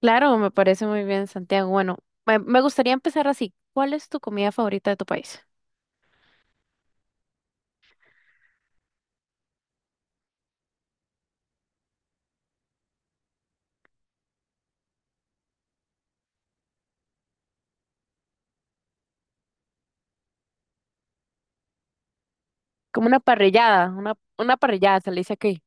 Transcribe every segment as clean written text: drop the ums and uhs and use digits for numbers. Claro, me parece muy bien, Santiago. Bueno, me gustaría empezar así. ¿Cuál es tu comida favorita de tu país? Como una parrillada, una parrillada, se le dice aquí.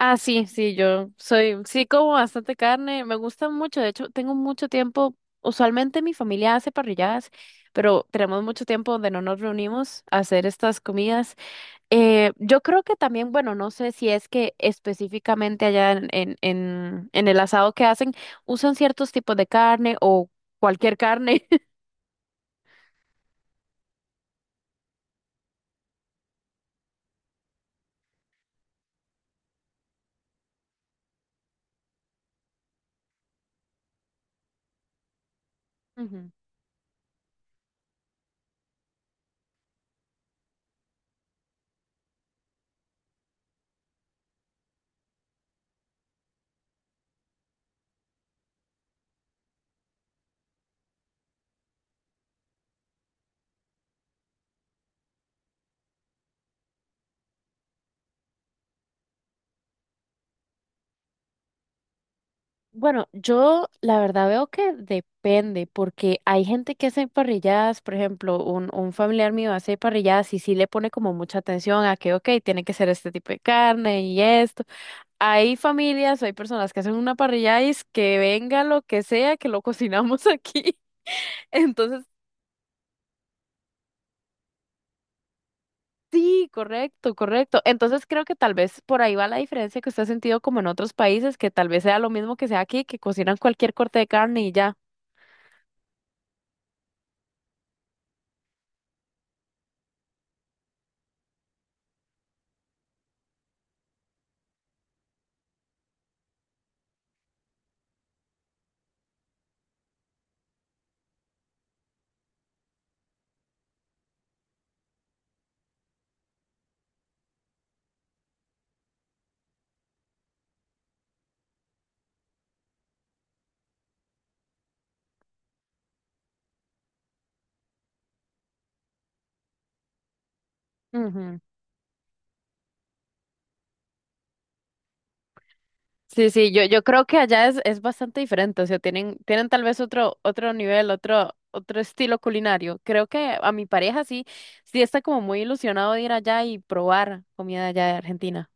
Ah, sí, sí, yo soy, sí como bastante carne, me gusta mucho, de hecho, tengo mucho tiempo, usualmente mi familia hace parrilladas, pero tenemos mucho tiempo donde no nos reunimos a hacer estas comidas. Yo creo que también, bueno, no sé si es que específicamente allá en el asado que hacen, usan ciertos tipos de carne o cualquier carne. Ujú. Bueno, yo la verdad veo que depende, porque hay gente que hace parrilladas, por ejemplo, un familiar mío hace parrilladas y sí le pone como mucha atención a que, ok, tiene que ser este tipo de carne y esto. Hay familias o hay personas que hacen una parrillada y es que venga lo que sea, que lo cocinamos aquí. Entonces, sí, correcto, correcto. Entonces creo que tal vez por ahí va la diferencia que usted ha sentido como en otros países, que tal vez sea lo mismo que sea aquí, que cocinan cualquier corte de carne y ya. Sí, sí, yo creo que allá es bastante diferente, o sea, tienen, tienen tal vez otro, otro nivel, otro, otro estilo culinario. Creo que a mi pareja sí, sí está como muy ilusionado de ir allá y probar comida de allá de Argentina.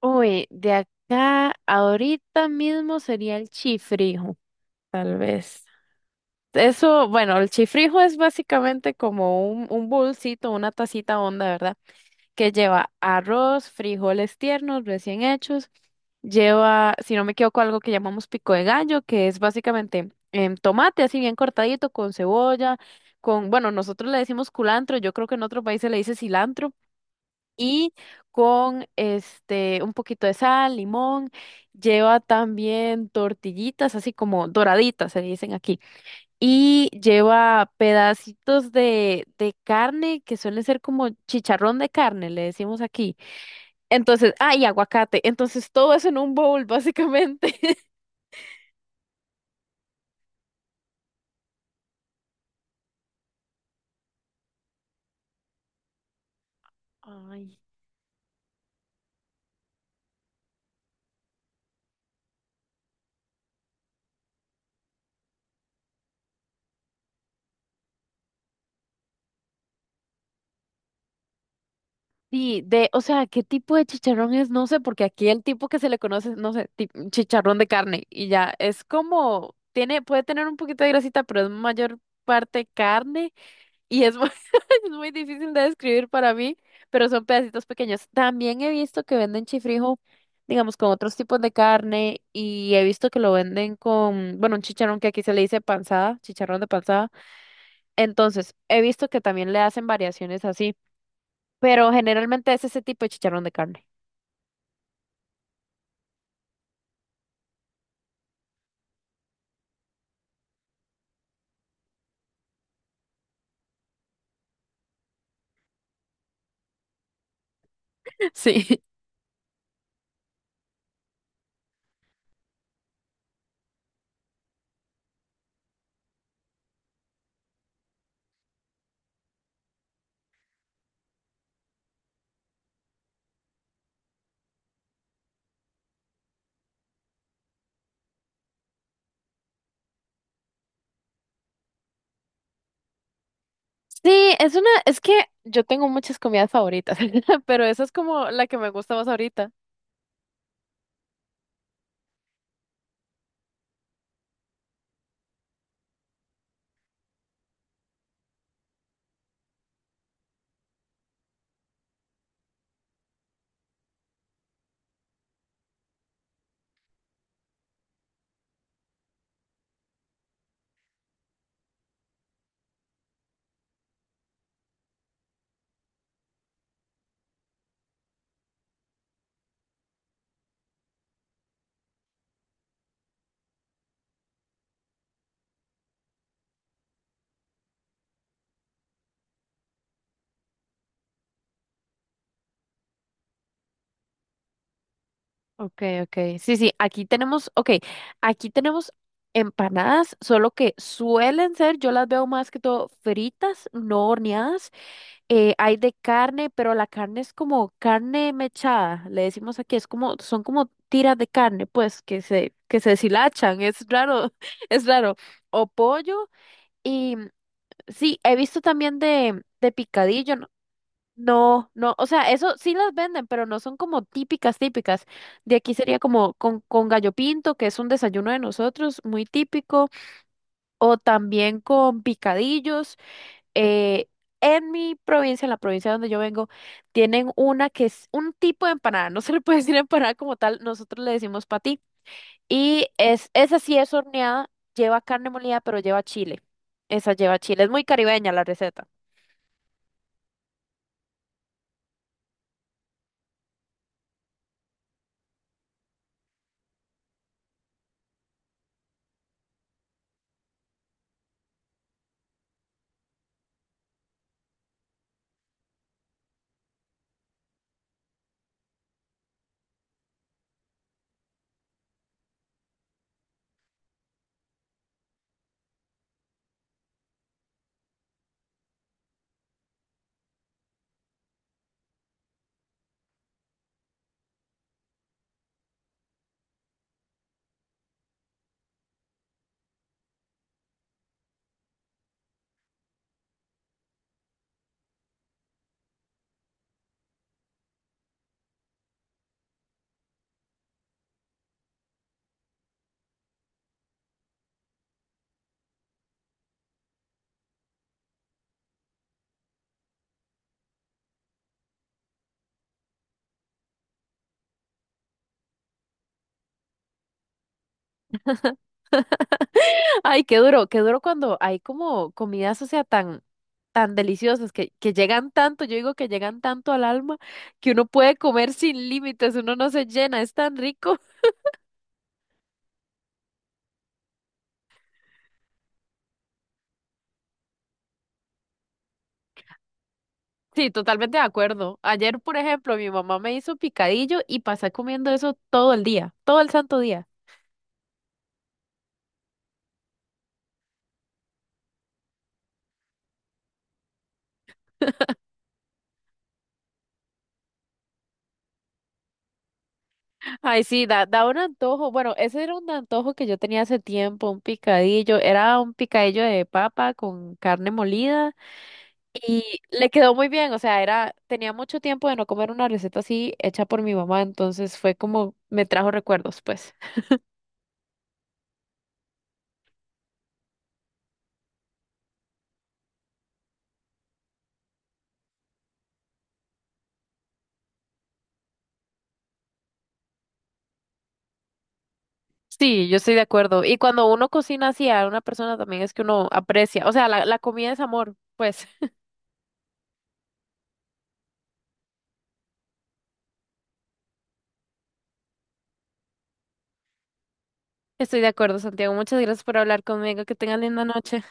Uy, de acá ahorita mismo sería el chifrijo, tal vez. Eso, bueno, el chifrijo es básicamente como un bolsito, una tacita honda, ¿verdad? Que lleva arroz, frijoles tiernos recién hechos, lleva, si no me equivoco, algo que llamamos pico de gallo, que es básicamente tomate así bien cortadito con cebolla, con, bueno, nosotros le decimos culantro, yo creo que en otros países le dice cilantro. Y con este un poquito de sal, limón, lleva también tortillitas así como doraditas, se dicen aquí. Y lleva pedacitos de carne que suelen ser como chicharrón de carne, le decimos aquí entonces, ah, y aguacate. Entonces, todo eso en un bowl, básicamente. Ay. Sí, de, o sea, ¿qué tipo de chicharrón es? No sé, porque aquí el tipo que se le conoce, no sé, ti- chicharrón de carne y ya, es como, tiene, puede tener un poquito de grasita, pero es mayor parte carne y es muy, es muy difícil de describir para mí, pero son pedacitos pequeños. También he visto que venden chifrijo, digamos, con otros tipos de carne y he visto que lo venden con, bueno, un chicharrón que aquí se le dice panzada, chicharrón de panzada. Entonces, he visto que también le hacen variaciones así, pero generalmente es ese tipo de chicharrón de carne. Sí. Sí, es una, es que yo tengo muchas comidas favoritas, pero esa es como la que me gusta más ahorita. Okay, okay. Sí, sí, aquí tenemos, okay, aquí tenemos empanadas, solo que suelen ser, yo las veo más que todo fritas, no horneadas. Hay de carne, pero la carne es como carne mechada, le decimos aquí, es como, son como tiras de carne, pues, que se deshilachan, es raro, es raro. O pollo, y sí, he visto también de picadillo, no, no, no, o sea, eso sí las venden, pero no son como típicas, típicas. De aquí sería como con gallo pinto, que es un desayuno de nosotros, muy típico, o también con picadillos, eh, en mi provincia, en la provincia donde yo vengo, tienen una que es un tipo de empanada, no se le puede decir empanada como tal, nosotros le decimos patí. Y es, esa sí es horneada, lleva carne molida, pero lleva chile. Esa lleva chile, es muy caribeña la receta. Ay, qué duro cuando hay como comidas, o sea, tan, tan deliciosas que llegan tanto, yo digo que llegan tanto al alma que uno puede comer sin límites, uno no se llena, es tan rico. Sí, totalmente de acuerdo. Ayer, por ejemplo, mi mamá me hizo picadillo y pasé comiendo eso todo el día, todo el santo día. Ay, sí, da, da un antojo. Bueno, ese era un antojo que yo tenía hace tiempo, un picadillo. Era un picadillo de papa con carne molida. Y le quedó muy bien, o sea, era, tenía mucho tiempo de no comer una receta así hecha por mi mamá, entonces fue como, me trajo recuerdos, pues. Sí, yo estoy de acuerdo. Y cuando uno cocina así a una persona también es que uno aprecia, o sea, la comida es amor, pues. Estoy de acuerdo, Santiago. Muchas gracias por hablar conmigo. Que tengan linda noche.